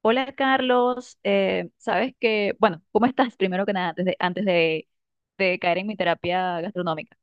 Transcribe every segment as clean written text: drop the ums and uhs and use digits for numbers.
Hola, Carlos. Sabes que, bueno, ¿cómo estás primero que nada antes de, de caer en mi terapia gastronómica?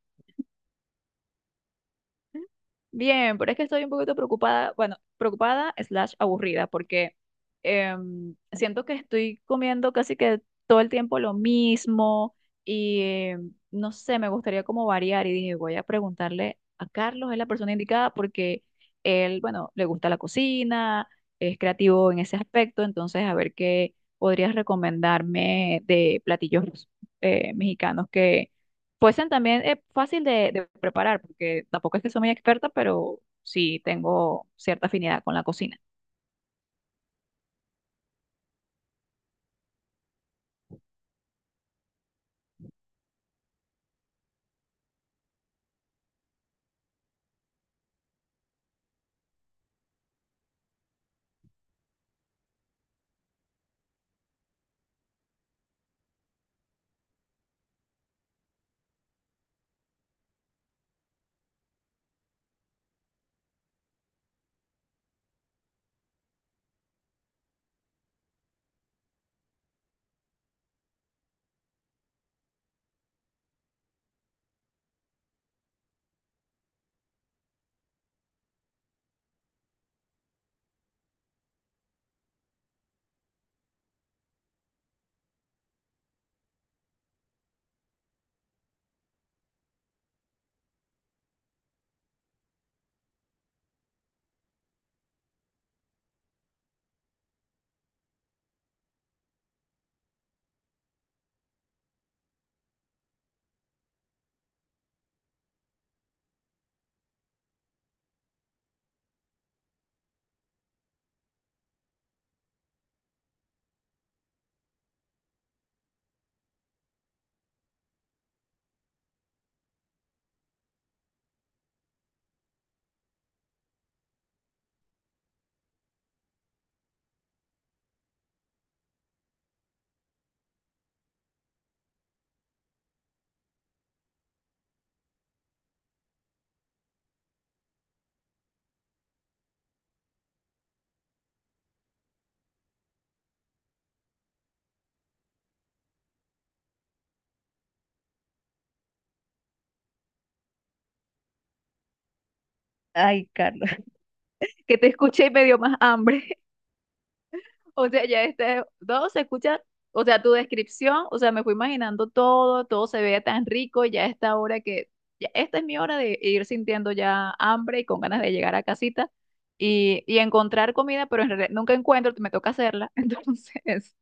Bien, pero es que estoy un poquito preocupada, bueno, preocupada slash aburrida, porque siento que estoy comiendo casi que todo el tiempo lo mismo, y no sé, me gustaría como variar, y dije, voy a preguntarle a Carlos, es la persona indicada porque él, bueno, le gusta la cocina, es creativo en ese aspecto. Entonces, a ver qué podrías recomendarme de platillos mexicanos. Poison también es fácil de preparar, porque tampoco es que soy muy experta, pero sí tengo cierta afinidad con la cocina. Ay, Carlos. Que te escuché y me dio más hambre. O sea, ya este, todo se escucha, o sea, tu descripción, o sea, me fui imaginando todo, todo se veía tan rico. Y ya esta hora que, ya esta es mi hora de ir sintiendo ya hambre y con ganas de llegar a casita y encontrar comida, pero en realidad nunca encuentro, me toca hacerla. Entonces,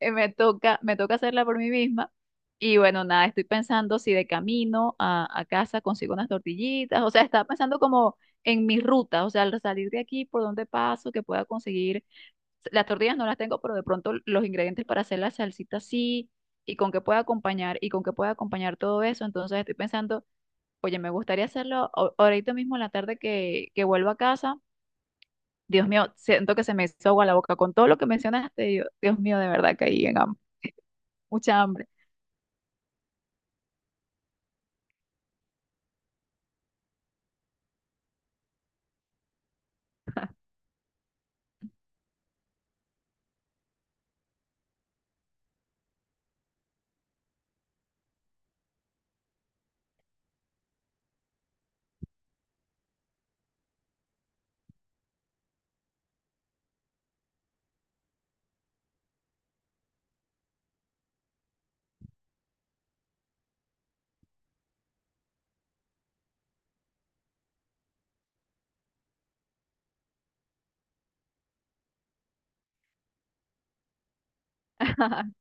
me toca hacerla por mí misma. Y bueno, nada, estoy pensando si de camino a casa consigo unas tortillitas. O sea, estaba pensando como en mi ruta, o sea, al salir de aquí, por dónde paso, que pueda conseguir. Las tortillas no las tengo, pero de pronto los ingredientes para hacer la salsita sí, y con qué pueda acompañar, y con qué pueda acompañar todo eso. Entonces estoy pensando, oye, me gustaría hacerlo ahorita mismo en la tarde que vuelvo a casa. Dios mío, siento que se me hizo agua la boca con todo lo que mencionaste. Dios mío, de verdad caí en hambre, mucha hambre.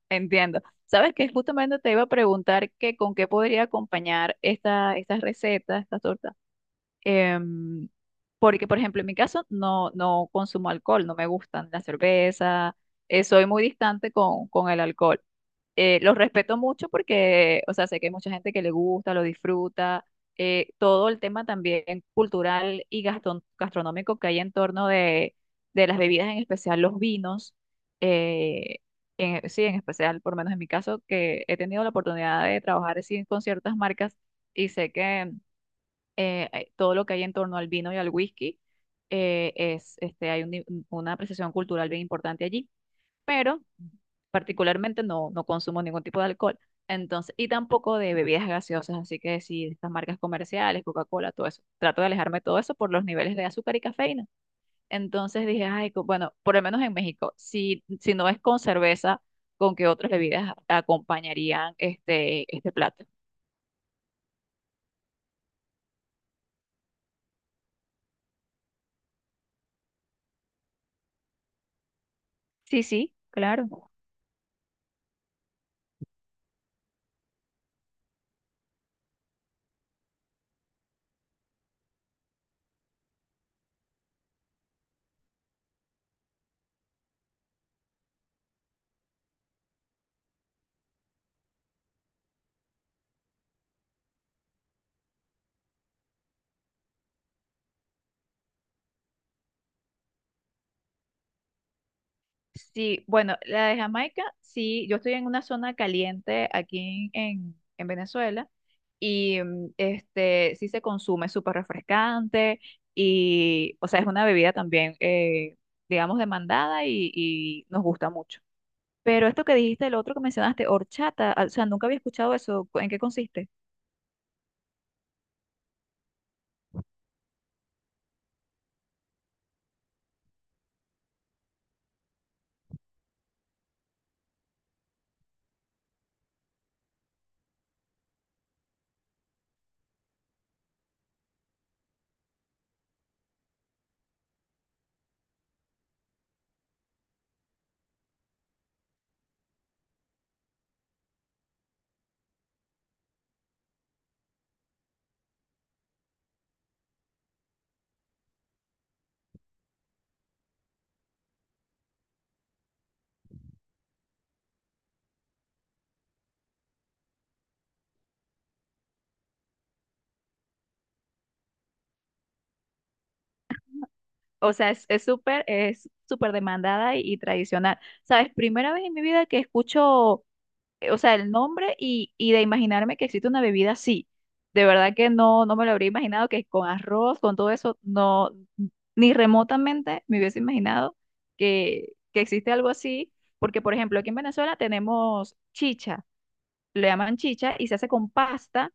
Entiendo. Sabes que justamente te iba a preguntar que con qué podría acompañar estas recetas, estas tortas. Em, Porque, por ejemplo, en mi caso no consumo alcohol, no me gustan la cerveza, soy muy distante con el alcohol. Los respeto mucho porque, o sea, sé que hay mucha gente que le gusta, lo disfruta. Todo el tema también cultural y gastronómico que hay en torno de las bebidas, en especial los vinos. eh, sí, en especial, por lo menos en mi caso, que he tenido la oportunidad de trabajar así con ciertas marcas, y sé que todo lo que hay en torno al vino y al whisky es, este, hay un ni- una apreciación cultural bien importante allí, pero particularmente no consumo ningún tipo de alcohol. Entonces, y tampoco de bebidas gaseosas, así que sí, estas marcas comerciales, Coca-Cola, todo eso. Trato de alejarme de todo eso por los niveles de azúcar y cafeína. Entonces dije, ay, bueno, por lo menos en México, si no es con cerveza, ¿con qué otras bebidas acompañarían este plato? Sí, sí, claro. Sí, bueno, la de Jamaica, sí, yo estoy en una zona caliente aquí en Venezuela, y este sí se consume súper refrescante, y, o sea, es una bebida también, digamos, demandada y nos gusta mucho. Pero esto que dijiste, el otro que mencionaste, horchata, ah, o sea, nunca había escuchado eso, ¿en qué consiste? O sea, es súper demandada y tradicional. ¿Sabes? Primera vez en mi vida que escucho, o sea, el nombre, y de imaginarme que existe una bebida así. De verdad que no me lo habría imaginado, que con arroz, con todo eso, no, ni remotamente me hubiese imaginado que existe algo así. Porque, por ejemplo, aquí en Venezuela tenemos chicha, le llaman chicha y se hace con pasta.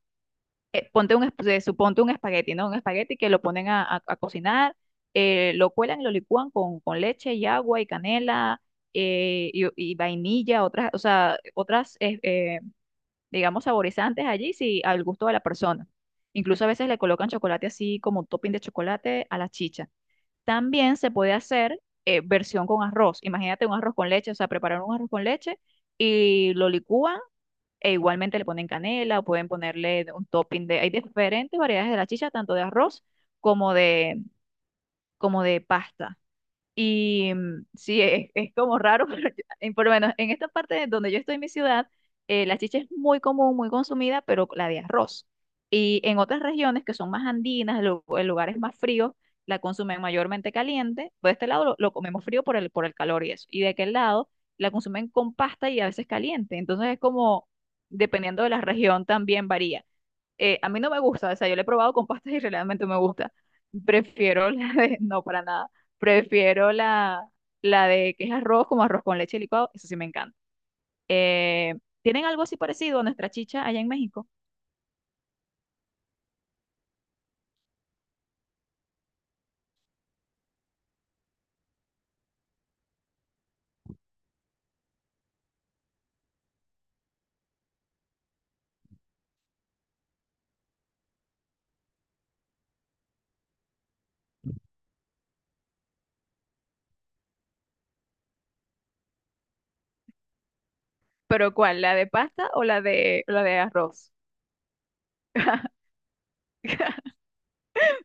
Suponte un espagueti, ¿no? Un espagueti que lo ponen a cocinar, lo cuelan y lo licúan con leche y agua y canela, y vainilla, otras, o sea, otras, digamos, saborizantes allí, sí, al gusto de la persona. Incluso a veces le colocan chocolate así como un topping de chocolate a la chicha. También se puede hacer versión con arroz. Imagínate un arroz con leche, o sea, preparar un arroz con leche, y lo licúan, e igualmente le ponen canela, o pueden ponerle un topping de. Hay diferentes variedades de la chicha, tanto de arroz como de, como de pasta. Y sí, es como raro, pero por lo menos en esta parte donde yo estoy en mi ciudad, la chicha es muy común, muy consumida, pero la de arroz. Y en otras regiones que son más andinas, en lugares más fríos, la consumen mayormente caliente. Por este lado lo comemos frío por el calor y eso. Y de aquel lado la consumen con pasta y a veces caliente. Entonces es como, dependiendo de la región, también varía. A mí no me gusta, o sea, yo la he probado con pastas y realmente me gusta. Prefiero la de, no, para nada, prefiero la de que es arroz, como arroz con leche licuado. Eso sí me encanta. Eh, ¿Tienen algo así parecido a nuestra chicha allá en México? ¿Pero cuál? ¿La de pasta o la de arroz?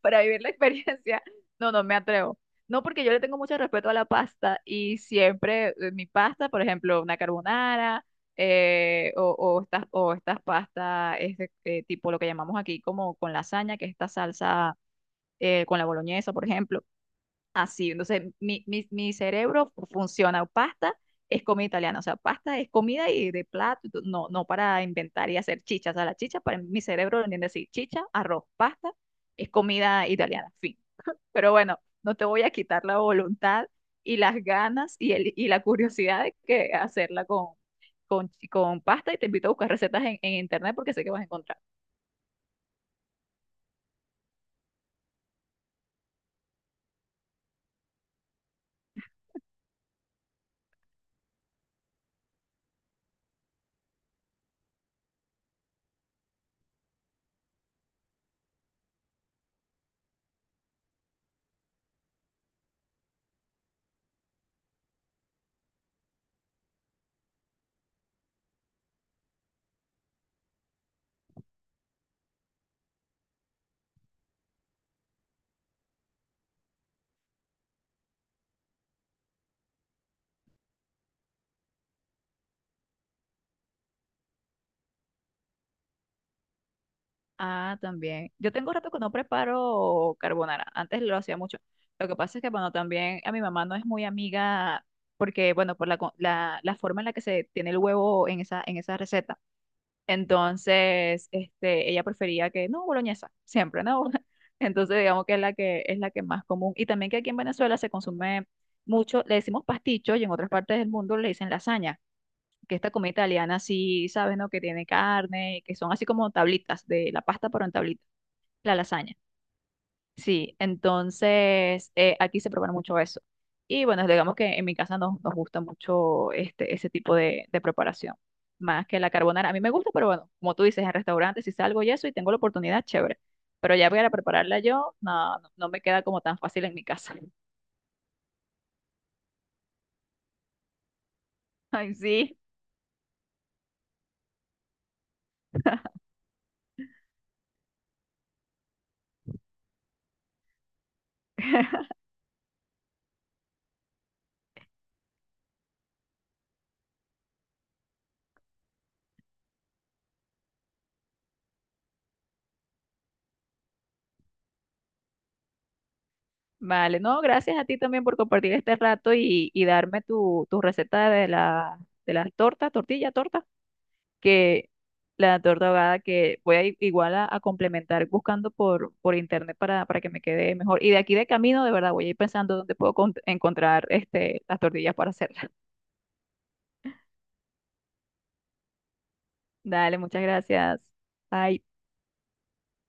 Para vivir la experiencia, no, no me atrevo. No, porque yo le tengo mucho respeto a la pasta, y siempre mi pasta, por ejemplo, una carbonara, o estas pastas, este, tipo lo que llamamos aquí como con lasaña, que es esta salsa, con la boloñesa, por ejemplo así. Entonces, mi cerebro funciona. Pasta es comida italiana, o sea, pasta es comida y de plato, y todo, no, no para inventar y hacer chichas. O sea, la chicha, para mi cerebro lo entiende así, chicha, arroz, pasta, es comida italiana, fin. Pero bueno, no te voy a quitar la voluntad y las ganas y la curiosidad de que hacerla con pasta, y te invito a buscar recetas en internet porque sé que vas a encontrar. Ah, también. Yo tengo rato que no preparo carbonara. Antes lo hacía mucho. Lo que pasa es que, bueno, también a mi mamá no es muy amiga porque, bueno, por la forma en la que se tiene el huevo en esa receta. Entonces, este, ella prefería que, no, boloñesa, siempre, ¿no? Entonces, digamos que es la que más común. Y también que aquí en Venezuela se consume mucho, le decimos pasticho, y en otras partes del mundo le dicen lasaña. Que esta comida italiana, sí, sabes, ¿no? Que tiene carne, que son así como tablitas de la pasta, pero en tablitas. La lasaña, sí. Entonces, aquí se prepara mucho eso. Y bueno, digamos que en mi casa nos gusta mucho este, ese tipo de preparación, más que la carbonara. A mí me gusta, pero bueno, como tú dices, en restaurantes, si salgo y eso y tengo la oportunidad, chévere. Pero ya para prepararla yo, no, no, no me queda como tan fácil en mi casa. Ay, sí. Vale, no, gracias a ti también por compartir este rato y darme tu receta de la torta, tortilla, torta. Que la torta ahogada que voy a igual a complementar buscando por internet para que me quede mejor. Y de aquí de camino, de verdad, voy a ir pensando dónde puedo encontrar este, las tortillas para hacerlas. Dale, muchas gracias. Bye.